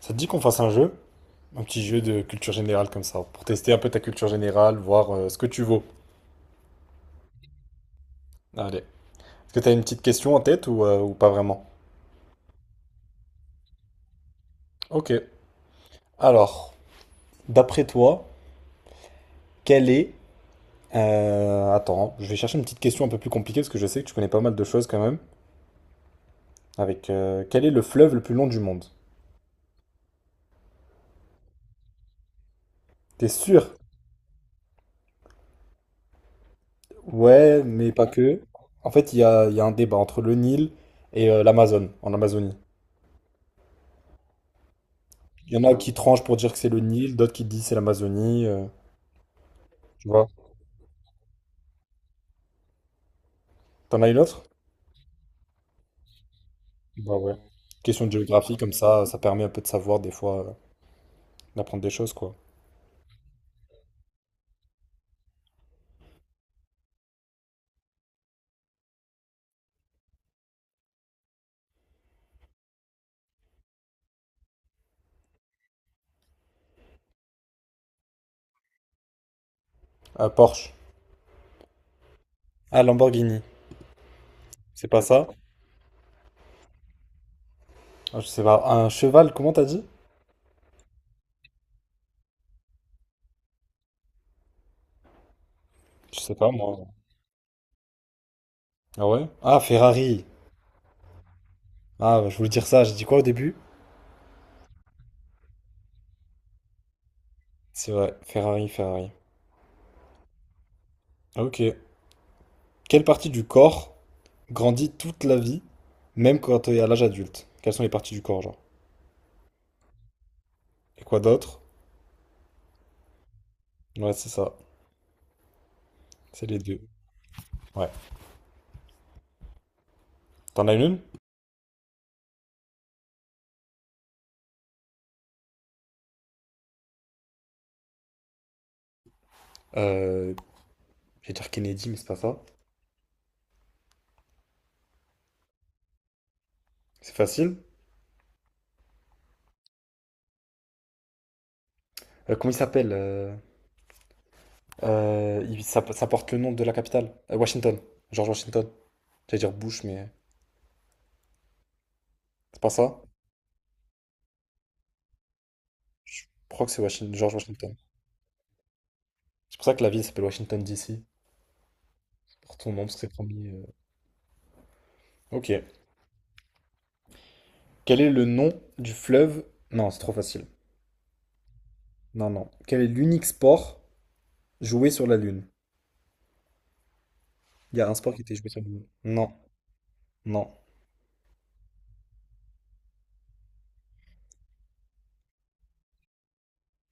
Ça te dit qu'on fasse un jeu? Un petit jeu de culture générale comme ça, pour tester un peu ta culture générale, voir ce que tu vaux. Allez. Est-ce que tu as une petite question en tête ou pas vraiment? Ok. Alors, d'après toi, quelle est... attends, hein, je vais chercher une petite question un peu plus compliquée, parce que je sais que tu connais pas mal de choses quand même. Avec quel est le fleuve le plus long du monde? T'es sûr? Ouais, mais pas que. En fait, il y a un débat entre le Nil et l'Amazone, en Amazonie. Il y en a qui tranchent pour dire que c'est le Nil, d'autres qui disent c'est l'Amazonie, tu vois. T'en as une autre? Bah ouais. Question de géographie, comme ça permet un peu de savoir des fois, d'apprendre des choses, quoi. Ah, Porsche. Ah, Lamborghini. C'est pas ça? Ah, je sais pas. Un cheval, comment t'as dit? Je sais pas, moi. Ah ouais? Ah, Ferrari. Ah, bah, je voulais dire ça, j'ai dit quoi au début? C'est vrai, Ferrari, Ferrari. Ah, ok. Quelle partie du corps grandit toute la vie, même quand t'es à l'âge adulte? Quelles sont les parties du corps, genre? Et quoi d'autre? Ouais, c'est ça. C'est les deux. Ouais. T'en as une? Euh, je vais dire Kennedy, mais c'est pas ça. C'est facile. Comment il s'appelle ça, ça porte le nom de la capitale. Washington. George Washington. J'allais dire Bush, mais c'est pas ça. Je crois que c'est Washington, George Washington. C'est pour ça que la ville s'appelle Washington DC. Pour ton nom, parce que c'est le premier. Ok. Quel est le nom du fleuve? Non, c'est trop facile. Non, non. Quel est l'unique sport joué sur la Lune? Il y a un sport qui était joué sur la Lune. Non, non.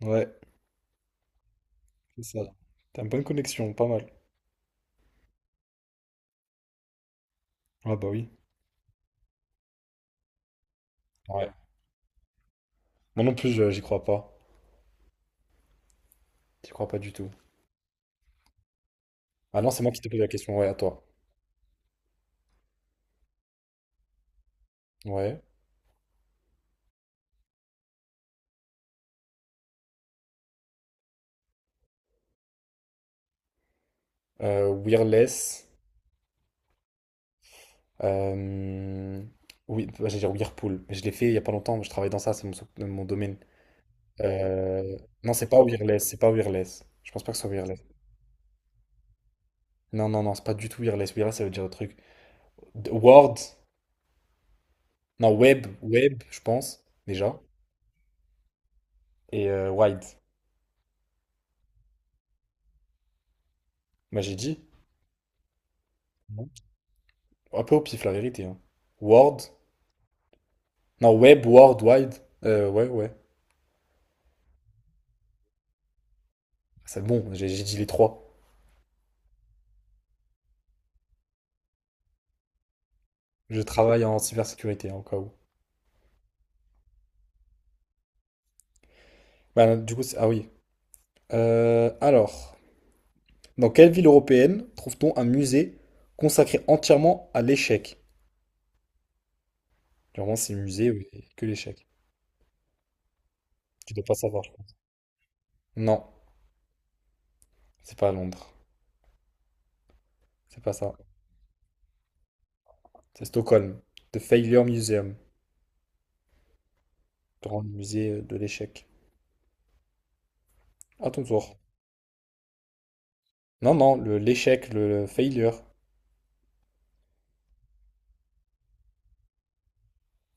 Ouais, c'est ça. T'as une bonne connexion, pas mal. Ah bah oui. Ouais. Moi non plus, j'y crois pas. J'y crois pas du tout. Ah non, c'est moi qui t'ai posé la question, ouais, à toi. Ouais. Wireless. euh, Oui, bah, j'allais dire Whirlpool. Mais je l'ai fait il y a pas longtemps, je travaille dans ça, c'est mon domaine. Euh, Non, c'est pas Wireless, c'est pas Wireless. Je pense pas que ce soit Wireless. Non, non, non, c'est pas du tout Wireless. Wireless, ça veut dire autre truc. Word. Non, Web. Web, je pense, déjà. Et Wide. Bah, j'ai dit. Non. Un peu au pif, la vérité, hein. Word. Non, Web, Word, Wide. Ouais, ouais. C'est bon, j'ai dit les trois. Je travaille en cybersécurité, encore. Bah, du coup, ah oui. Alors, dans quelle ville européenne trouve-t-on un musée consacré entièrement à l'échec? Clairement, c'est musée où que l'échec. Tu dois pas savoir, je pense. Non, c'est pas à Londres. C'est pas ça. C'est Stockholm. The Failure Museum. Le Grand musée de l'échec. À ton tour. Non, non, le l'échec, le failure.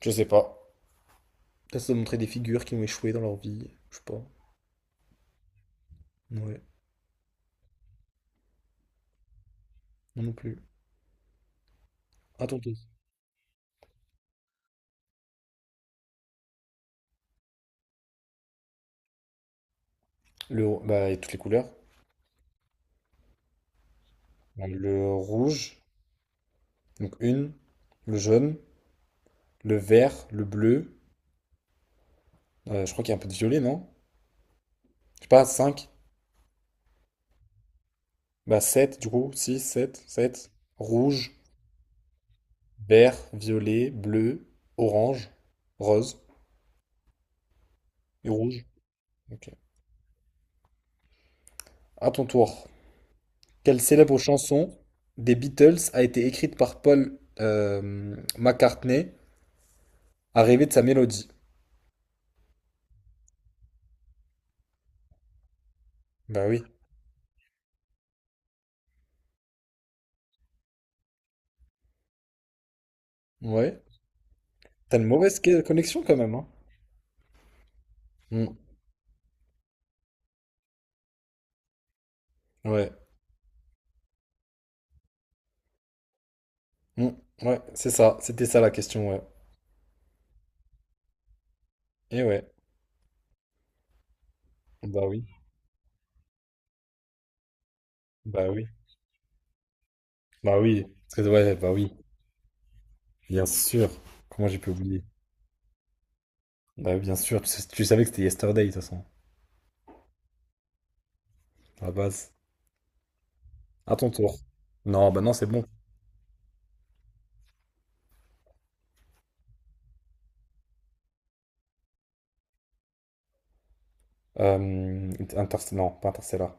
Je sais pas. Peut-être ça doit montrer des figures qui ont échoué dans leur vie. Je sais pas. Ouais, non non plus. À ton tour. Le, bah, et toutes les couleurs. Le rouge, donc une, le jaune, le vert, le bleu. Je crois qu'il y a un peu de violet, non? Je sais pas, 5, bah sept, du coup. Six, 7, sept. Rouge, vert, violet, bleu, orange, rose et rouge. Ok. À ton tour. Quelle célèbre chanson des Beatles a été écrite par Paul McCartney à rêver de sa mélodie? Bah oui. Ouais. T'as une mauvaise connexion quand même, hein? Mm. Ouais. Mm. Ouais, c'est ça. C'était ça la question, ouais. Et ouais. Bah oui. Bah oui, bah oui, ouais, bah oui, bien sûr. Comment j'ai pu oublier? Bah oui, bien sûr, tu savais que c'était Yesterday de toute façon, à la base. À ton tour. Non, bah non, c'est bon. Euh, non, pas Interstellar.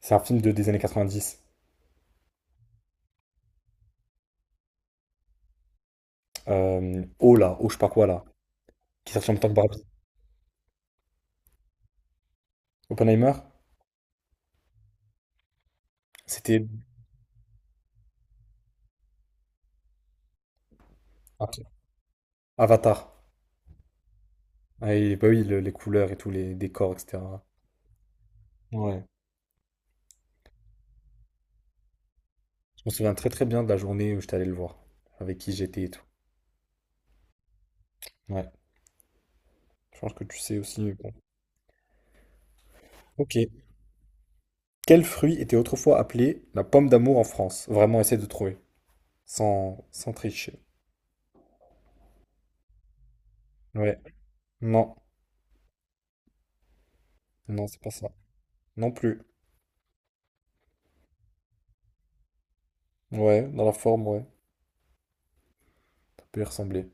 C'est un film de, des années 90. Oh là, oh je sais pas quoi là, qui est sorti en même temps que Barbie. Oppenheimer, c'était Avatar. Ah, et bah oui, les couleurs et tous les décors, etc. Ouais. Je me souviens très très bien de la journée où j'étais allé le voir, avec qui j'étais et tout. Ouais, je pense que tu sais aussi, mais bon. Ok. Quel fruit était autrefois appelé la pomme d'amour en France? Vraiment, essaie de trouver. Sans, sans tricher. Ouais. Non. Non, c'est pas ça. Non plus. Ouais, dans la forme, ouais. Ça peut y ressembler.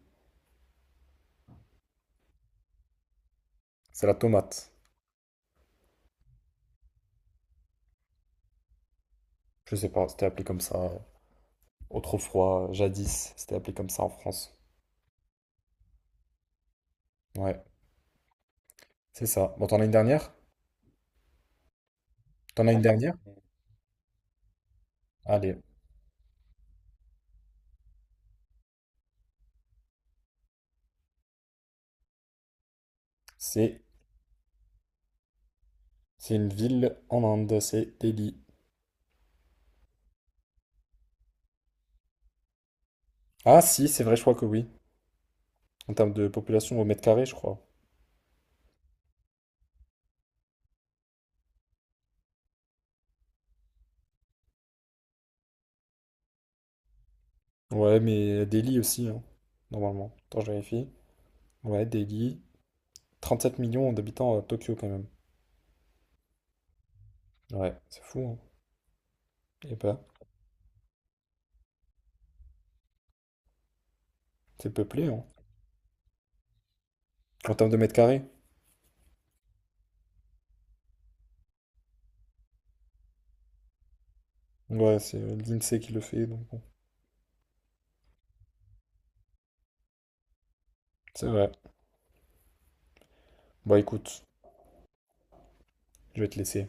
C'est la tomate. Je sais pas, c'était appelé comme ça. Autrefois, jadis, c'était appelé comme ça en France. Ouais, c'est ça. Bon, t'en as une dernière? T'en as une dernière? Allez. C'est, c'est une ville en Inde, c'est Delhi. Ah si, c'est vrai, je crois que oui. En termes de population au mètre carré, je crois. Ouais, mais Delhi aussi, hein, normalement. Attends, je vérifie. Ouais, Delhi. 37 millions d'habitants à Tokyo quand même. Ouais, c'est fou, hein. Et bah, c'est peuplé, hein. En termes de mètres carrés. Ouais, c'est l'INSEE qui le fait, donc bon. C'est vrai. Bon, écoute, je vais te laisser.